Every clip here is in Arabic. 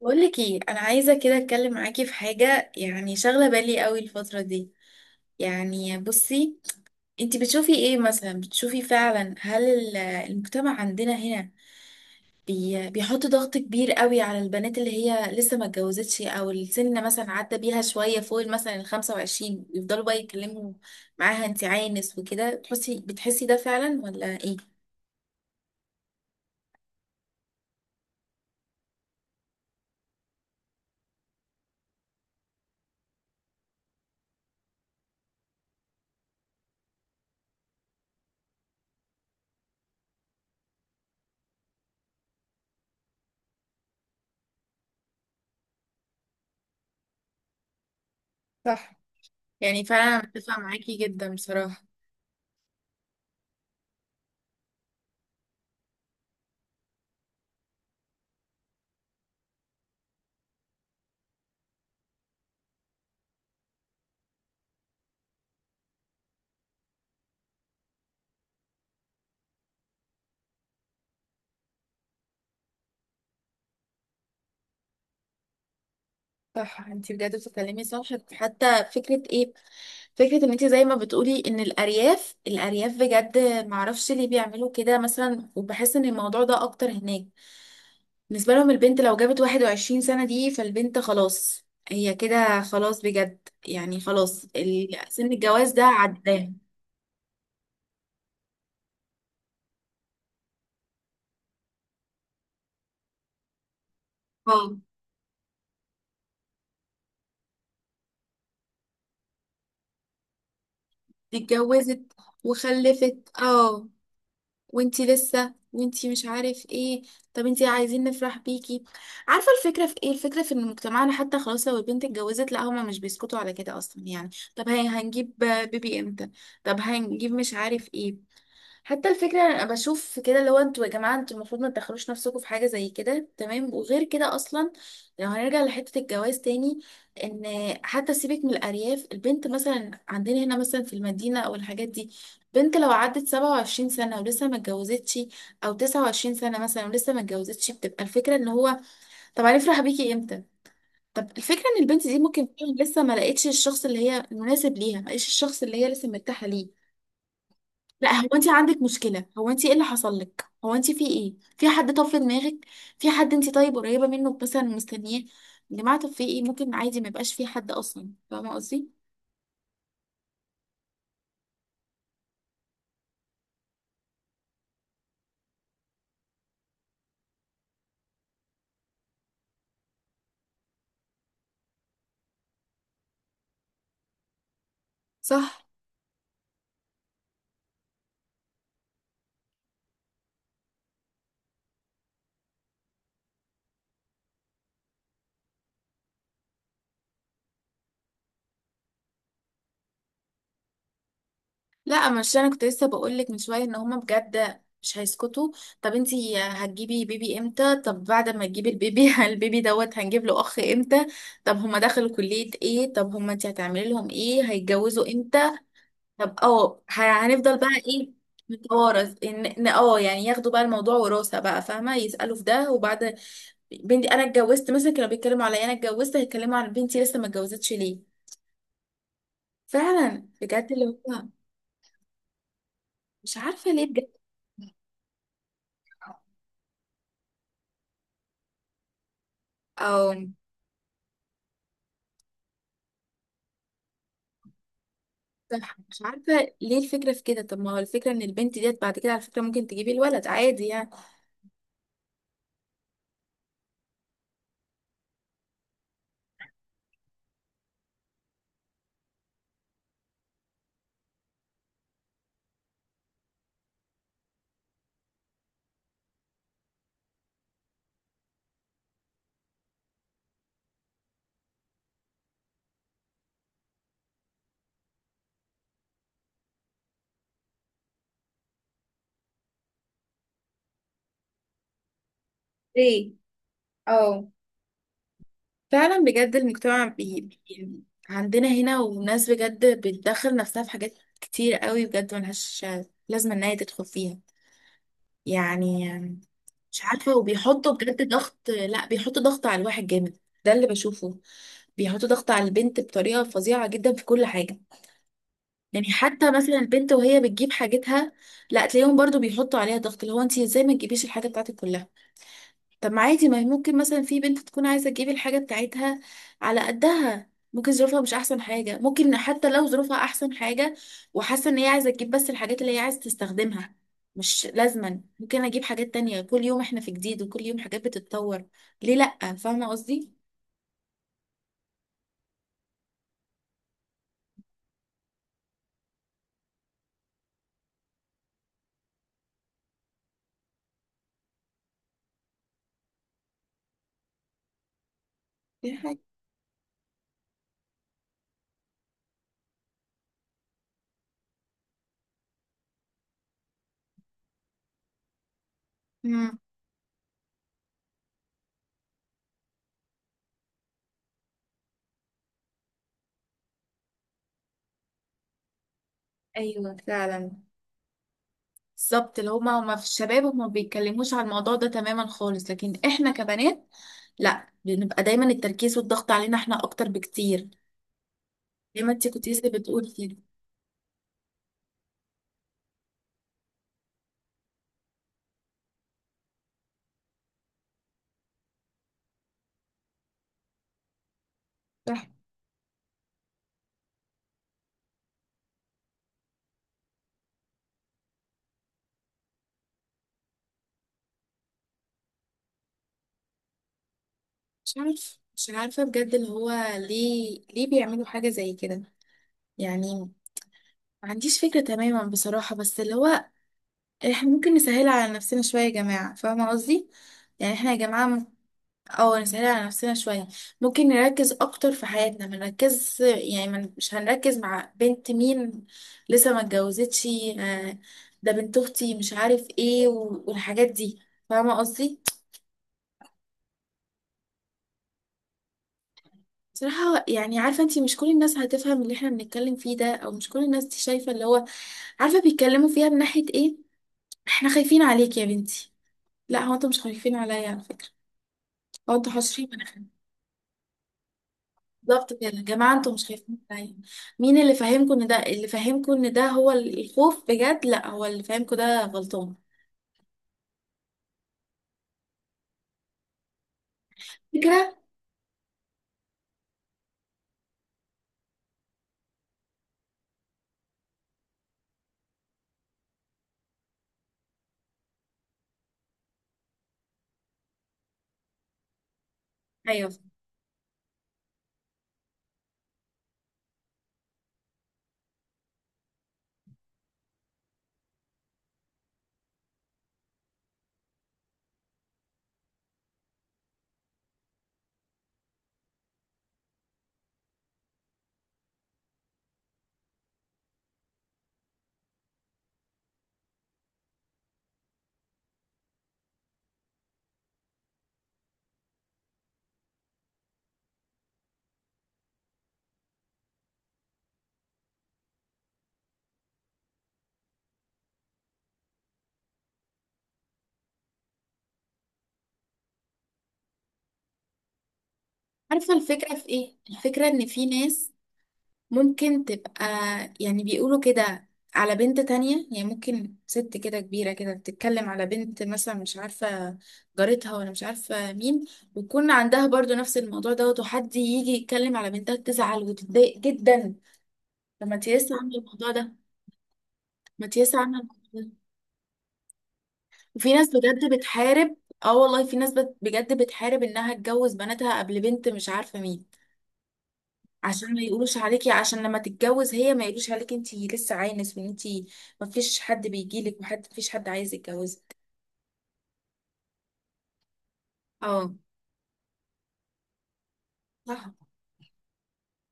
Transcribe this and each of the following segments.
بقولك ايه، انا عايزه كده اتكلم معاكي في حاجه يعني شاغله بالي قوي الفتره دي. يعني بصي، انتي بتشوفي ايه مثلا؟ بتشوفي فعلا هل المجتمع عندنا هنا بيحط ضغط كبير قوي على البنات اللي هي لسه ما اتجوزتش او السن مثلا عدى بيها شويه فوق مثلا ال 25، يفضلوا بقى يتكلموا معاها انتي عانس وكده؟ تحسي بتحسي ده فعلا ولا ايه؟ صح، يعني فعلا أنا متفقة معاكي جدا بصراحة. صح، انتي بجد بتتكلمي صح. حتى فكرة ايه، فكرة ان انت زي ما بتقولي ان الارياف بجد، معرفش ليه بيعملوا كده مثلا، وبحس ان الموضوع ده اكتر هناك. بالنسبة لهم البنت لو جابت 21 سنة دي، فالبنت خلاص هي كده، خلاص بجد. يعني خلاص سن الجواز ده عداه. اه، دي اتجوزت وخلفت. اه وانتي لسه، وانتي مش عارف ايه. طب انتي عايزين نفرح بيكي. عارفه الفكره في ايه؟ الفكره في ان مجتمعنا حتى خلاص لو البنت اتجوزت لا هما مش بيسكتوا على كده اصلا. يعني طب هي هنجيب بيبي امتى؟ طب هنجيب مش عارف ايه. حتى الفكرة انا بشوف كده اللي هو انتوا يا جماعة، انتوا المفروض ما تدخلوش نفسكم في حاجة زي كده، تمام؟ وغير كده اصلا لو هنرجع لحتة الجواز تاني، ان حتى سيبك من الارياف، البنت مثلا عندنا هنا مثلا في المدينة او الحاجات دي، بنت لو عدت 27 سنة ولسه ما اتجوزتش او 29 سنة مثلا ولسه ما اتجوزتش، بتبقى الفكرة ان هو طب هنفرح بيكي امتى؟ طب الفكرة ان البنت دي ممكن فعلا لسه ما لقيتش الشخص اللي هي المناسب ليها، ما لقيتش الشخص اللي هي لسه مرتاحة ليه. لا هو انت عندك مشكلة، هو انت ايه اللي حصل لك، هو انت في ايه، في حد طف في دماغك، في حد انت طيب قريبة منه مثلا مستنياه؟ يا جماعة طب في ايه، ممكن عادي ما يبقاش في حد اصلا، فاهمة قصدي؟ صح. لا، مش انا كنت لسه بقول لك من شوية ان هما بجد مش هيسكتوا. طب انت هتجيبي بيبي امتى؟ طب بعد ما تجيبي البيبي البيبي دوت هنجيب له اخ امتى؟ طب هما دخلوا كلية ايه؟ طب هما انت هتعملي لهم ايه؟ هيتجوزوا امتى؟ طب اه، هنفضل بقى ايه، نتوارث؟ ان إن اه يعني ياخدوا بقى الموضوع وراثة بقى، فاهمة؟ يسألوا في ده، وبعد بنتي انا اتجوزت مثلا كانوا بيتكلموا عليا انا اتجوزت، هيتكلموا عن بنتي لسه ما اتجوزتش ليه. فعلا بجد اللي هو مش عارفة ليه بجد. او صح مش عارفة ليه الفكرة في كده. طب ما هو الفكرة ان البنت ديت بعد كده على فكرة ممكن تجيبي الولد عادي يعني. ليه؟ اه فعلا بجد المجتمع عندنا هنا، وناس بجد بتدخل نفسها في حاجات كتير قوي بجد ملهاش لازمة ان هي تدخل فيها. يعني مش عارفة، وبيحطوا بجد ضغط، لا بيحطوا ضغط على الواحد جامد، ده اللي بشوفه. بيحطوا ضغط على البنت بطريقة فظيعة جدا في كل حاجة. يعني حتى مثلا البنت وهي بتجيب حاجتها لا تلاقيهم برضو بيحطوا عليها ضغط اللي هو انت ازاي ما تجيبيش الحاجة بتاعتك كلها. طب ما عادي، ما هي ممكن مثلا في بنت تكون عايزة تجيب الحاجة بتاعتها على قدها، ممكن ظروفها مش أحسن حاجة، ممكن حتى لو ظروفها أحسن حاجة وحاسة إن هي عايزة تجيب بس الحاجات اللي هي عايزة تستخدمها. مش لازما ممكن أجيب حاجات تانية، كل يوم إحنا في جديد وكل يوم حاجات بتتطور. ليه لأ؟ فاهمة قصدي؟ دي حاجة. امم ايوه فعلا. بالظبط اللي هما، هما في الشباب هما ما بيتكلموش على الموضوع ده تماما خالص، لكن احنا كبنات لا، بنبقى دايما التركيز والضغط علينا احنا اكتر بكتير. زي ما انت كنت لسه بتقولي كده صح. مش عارف، مش عارفة بجد اللي هو ليه، ليه بيعملوا حاجة زي كده؟ يعني ما عنديش فكرة تماما بصراحة، بس اللي هو احنا ممكن نسهل على نفسنا شوية يا جماعة، فاهمة قصدي؟ يعني احنا يا جماعة اه نسهل على نفسنا شوية. ممكن نركز أكتر في حياتنا، ما نركز يعني ما ن- مش هنركز مع بنت مين لسه ما اتجوزتش، آه، ده بنت أختي مش عارف ايه، والحاجات دي. فاهمة قصدي؟ بصراحة يعني عارفة انتي مش كل الناس هتفهم اللي احنا بنتكلم فيه ده، او مش كل الناس دي شايفة اللي هو عارفة بيتكلموا فيها من ناحية ايه. احنا خايفين عليك يا بنتي، لا هو انتوا مش خايفين عليا على فكرة، هو انتوا حاشرين مناخيركم. بالظبط كده، يا جماعة انتوا مش خايفين عليا. مين اللي فاهمكم ان ده، اللي فاهمكم ان ده هو الخوف بجد، لا، هو اللي فاهمكم ده غلطان. فكرة. ايوه، عارفة الفكرة في ايه؟ الفكرة ان في ناس ممكن تبقى يعني بيقولوا كده على بنت تانية. يعني ممكن ست كده كبيرة كده بتتكلم على بنت مثلا مش عارفة جارتها ولا مش عارفة مين، ويكون عندها برضو نفس الموضوع دوت، وحد يجي يتكلم على بنتها تزعل وتتضايق جدا. لما تياس عاملة الموضوع ده، ما تياس عاملة الموضوع ده. وفي ناس بجد بتحارب. اه والله في ناس بجد بتحارب انها تجوز بناتها قبل بنت مش عارفة مين، عشان ما يقولوش عليكي. عشان لما تتجوز هي ما يقولوش عليكي انتي لسه عانس وان انتي ما فيش حد بيجيلك وحد، ما فيش حد عايز يتجوزك. اه، صح.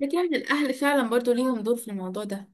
لكن يعني الاهل فعلا برضو ليهم دور في الموضوع ده.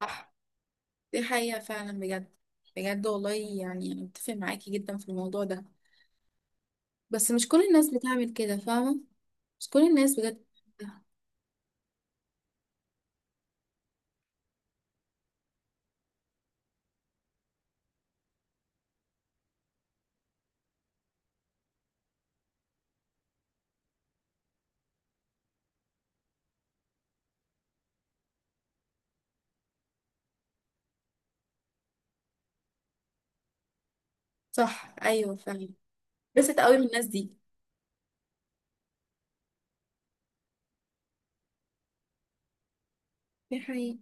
صح، دي حقيقة فعلا بجد. بجد والله يعني أنا متفق معاكي جدا في الموضوع ده، بس مش كل الناس بتعمل كده، فاهمة؟ مش كل الناس بجد. صح، أيوة فعلا. بس قوي من الناس دي. دي حقيقة.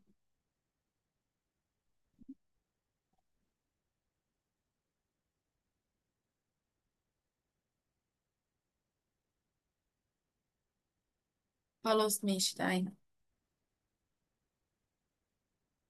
خلاص، ماشي، تعالي.